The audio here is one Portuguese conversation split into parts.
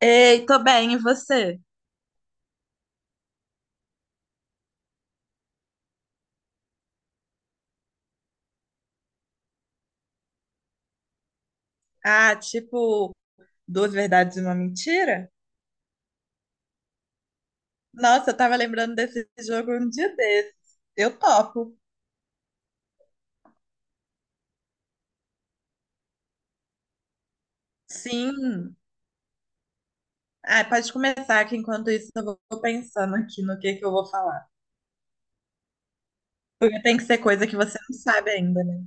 Ei, tô bem, e você? Ah, tipo, duas verdades e uma mentira? Nossa, eu tava lembrando desse jogo um dia desses. Eu topo. Sim. Ah, pode começar, que enquanto isso eu vou pensando aqui no que eu vou falar. Porque tem que ser coisa que você não sabe ainda, né?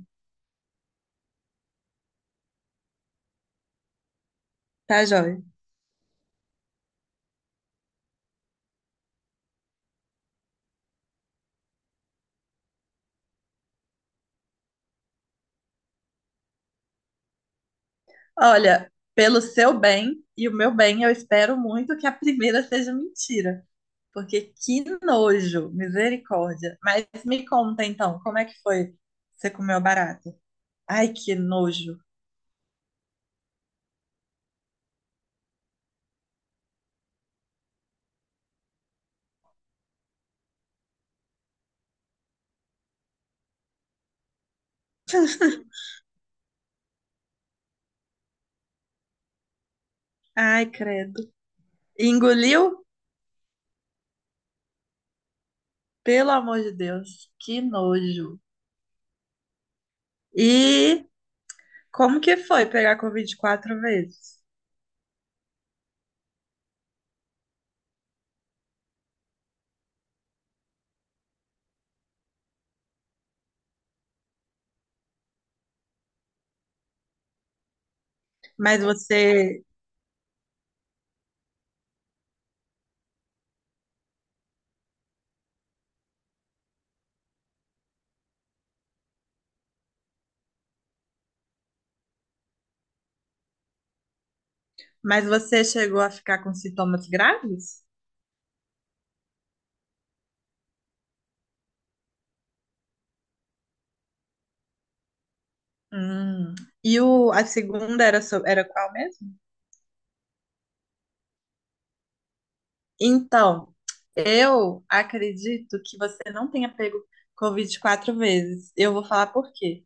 Tá, joia? Olha, pelo seu bem e o meu bem, eu espero muito que a primeira seja mentira. Porque que nojo, misericórdia. Mas me conta então, como é que foi? Você comeu barata? Ai, que nojo. Ai, credo. Engoliu? Pelo amor de Deus, que nojo. E como que foi pegar Covid 4 vezes? Mas você, mas você chegou a ficar com sintomas graves? Hum. E o, a segunda era, era qual mesmo? Então, eu acredito que você não tenha pego Covid 4 vezes. Eu vou falar por quê.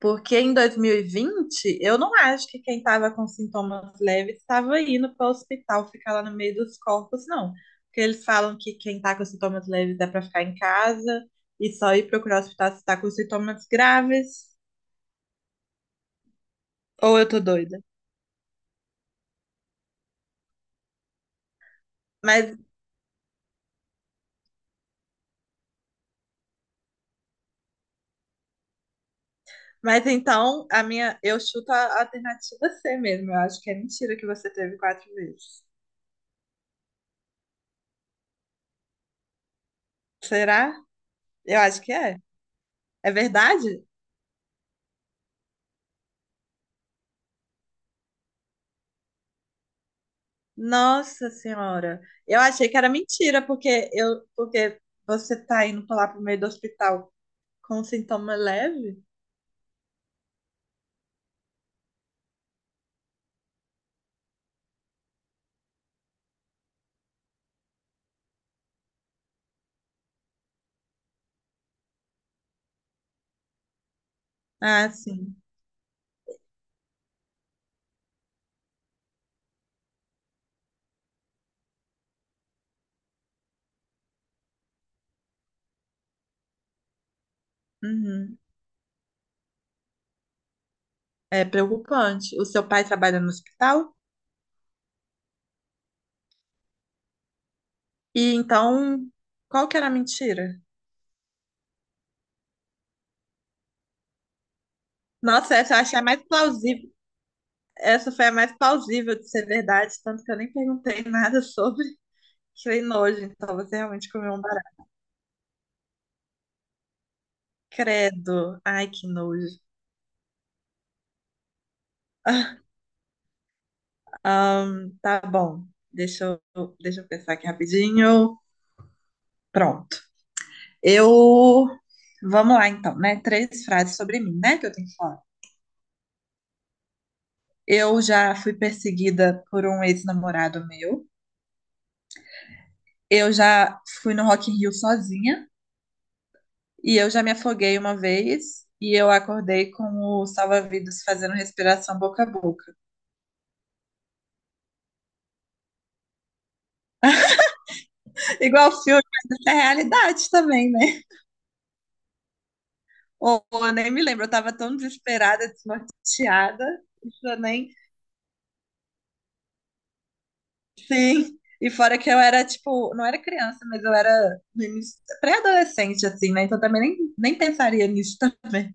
Porque em 2020, eu não acho que quem estava com sintomas leves estava indo para o hospital ficar lá no meio dos corpos, não. Porque eles falam que quem está com sintomas leves é para ficar em casa e só ir procurar o hospital se está com sintomas graves. Ou eu tô doida. Mas, mas então, a minha, eu chuto a alternativa C mesmo. Eu acho que é mentira que você teve 4 vezes. Será? Eu acho que é. É verdade? Nossa Senhora, eu achei que era mentira, porque eu, porque você tá indo pra lá pro meio do hospital com sintoma leve? Ah, sim. Uhum. É preocupante. O seu pai trabalha no hospital? E então, qual que era a mentira? Nossa, essa eu achei a mais plausível. Essa foi a mais plausível de ser verdade, tanto que eu nem perguntei nada sobre. Que nojo, então você realmente comeu um barato. Credo. Ai, que nojo. Tá bom. Deixa eu pensar aqui rapidinho. Pronto. Eu. Vamos lá, então, né? Três frases sobre mim, né? Que eu tenho que falar. Eu já fui perseguida por um ex-namorado meu. Eu já fui no Rock in Rio sozinha. E eu já me afoguei uma vez. E eu acordei com o salva-vidas fazendo respiração boca a boca. Igual filme, mas isso é realidade também, né? Ou eu nem me lembro, eu tava tão desesperada, desnorteada. Que eu nem Sim, e fora que eu era, tipo, não era criança, mas eu era no pré-adolescente, assim, né? Então também nem pensaria nisso também.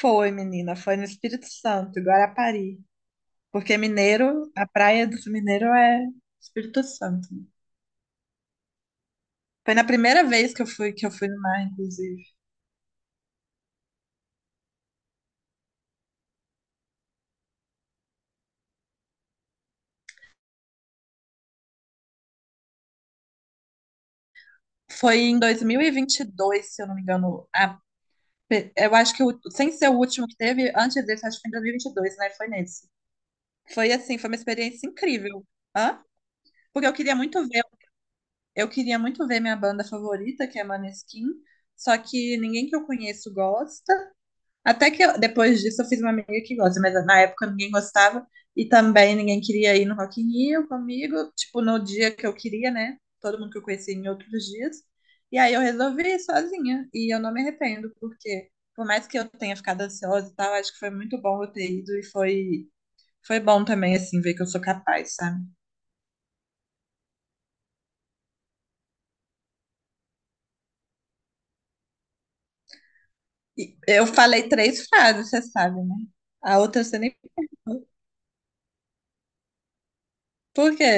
Foi, menina, foi no Espírito Santo, em Guarapari. Porque mineiro, a praia do Mineiro é Espírito Santo. Foi na primeira vez que eu fui no mar, inclusive. Foi em dois mil e vinte e dois se eu não me engano. Eu acho que, sem ser o último que teve, antes desse, acho que foi em 2022, né? Foi nesse. Foi assim, foi uma experiência incrível. Hã? Porque eu queria muito ver Eu queria muito ver minha banda favorita, que é Maneskin, só que ninguém que eu conheço gosta. Depois disso eu fiz uma amiga que gosta, mas na época ninguém gostava e também ninguém queria ir no Rock in Rio comigo, tipo no dia que eu queria, né? Todo mundo que eu conheci em outros dias. E aí eu resolvi ir sozinha e eu não me arrependo, porque por mais que eu tenha ficado ansiosa e tal, acho que foi muito bom eu ter ido e foi bom também assim ver que eu sou capaz, sabe? E eu falei três frases, você sabe, né? A outra você nem perguntou. Por quê?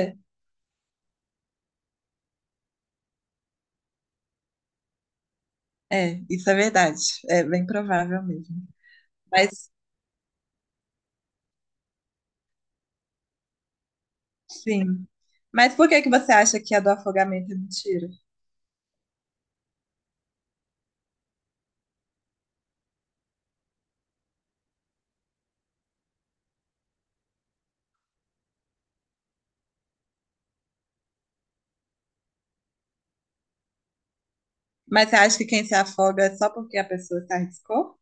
É, isso é verdade. É bem provável mesmo. Mas, sim. Mas por que que você acha que a do afogamento é mentira? Mas você acha que quem se afoga é só porque a pessoa se arriscou?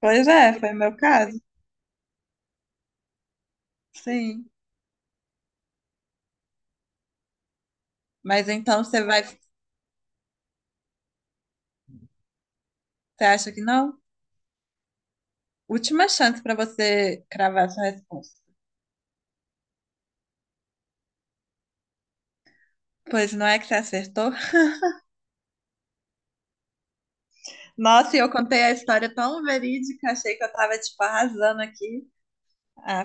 Pois é, foi o meu caso. Sim. Mas então você vai, você acha que não? Última chance para você cravar sua resposta. Pois não é que você acertou? Nossa, e eu contei a história tão verídica, achei que eu tava, tipo, arrasando aqui. Ah,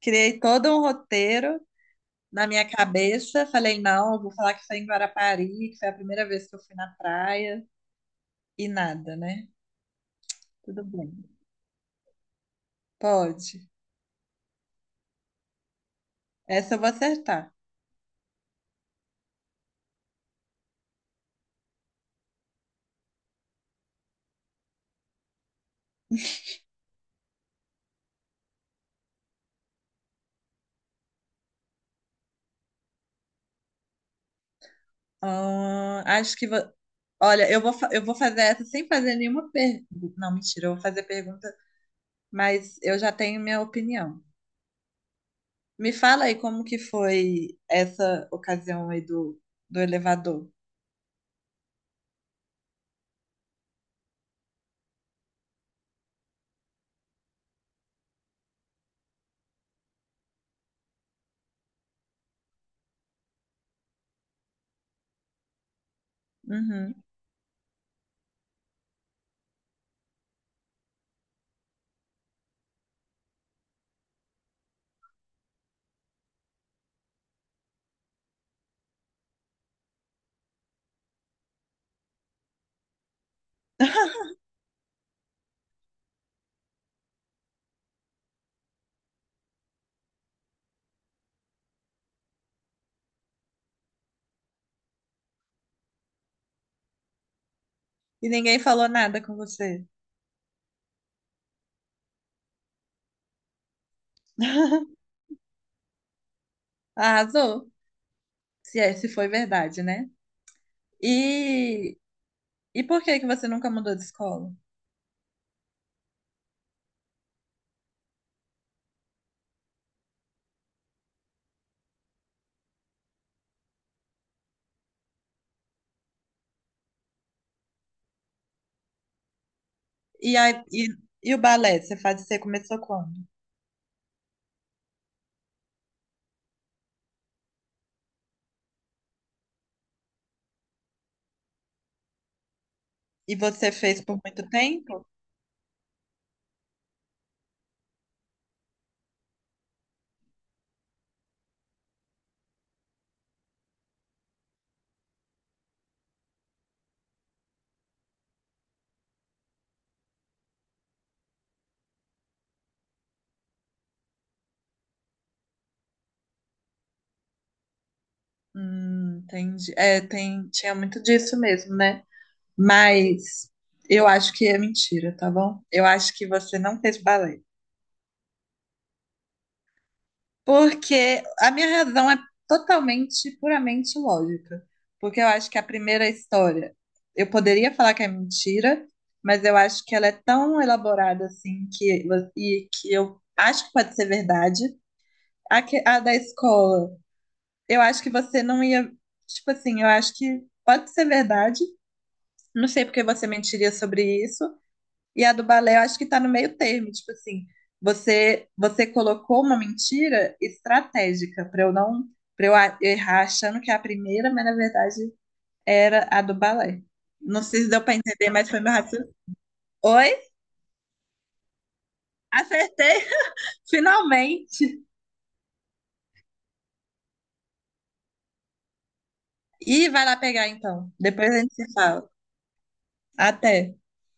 criei todo um roteiro na minha cabeça. Falei, não, eu vou falar que foi em Guarapari, que foi a primeira vez que eu fui na praia. E nada, né? Tudo bem. Pode. Essa eu vou acertar. Acho que vou... Olha, eu vou fazer essa sem fazer nenhuma pergunta. Não, mentira, eu vou fazer pergunta, mas eu já tenho minha opinião. Me fala aí como que foi essa ocasião aí do elevador. Uhum. E ninguém falou nada com você. Arrasou. Se é, se foi verdade, né? E, e por que que você nunca mudou de escola? E, aí, e o balé, você começou quando? E você fez por muito tempo? Entendi. É, tinha muito disso mesmo, né? Mas eu acho que é mentira, tá bom? Eu acho que você não fez balé. Porque a minha razão é totalmente, puramente lógica. Porque eu acho que a primeira história, eu poderia falar que é mentira, mas eu acho que ela é tão elaborada assim que e que eu acho que pode ser verdade. A, que- a da escola, eu acho que você não ia, tipo assim, eu acho que pode ser verdade. Não sei porque você mentiria sobre isso, e a do balé, eu acho que tá no meio termo, tipo assim, você colocou uma mentira estratégica para eu não para eu errar achando que é a primeira, mas na verdade era a do balé. Não sei se deu para entender, mas foi meu raciocínio. Oi? Acertei, finalmente. E vai lá pegar então. Depois a gente se fala. Até.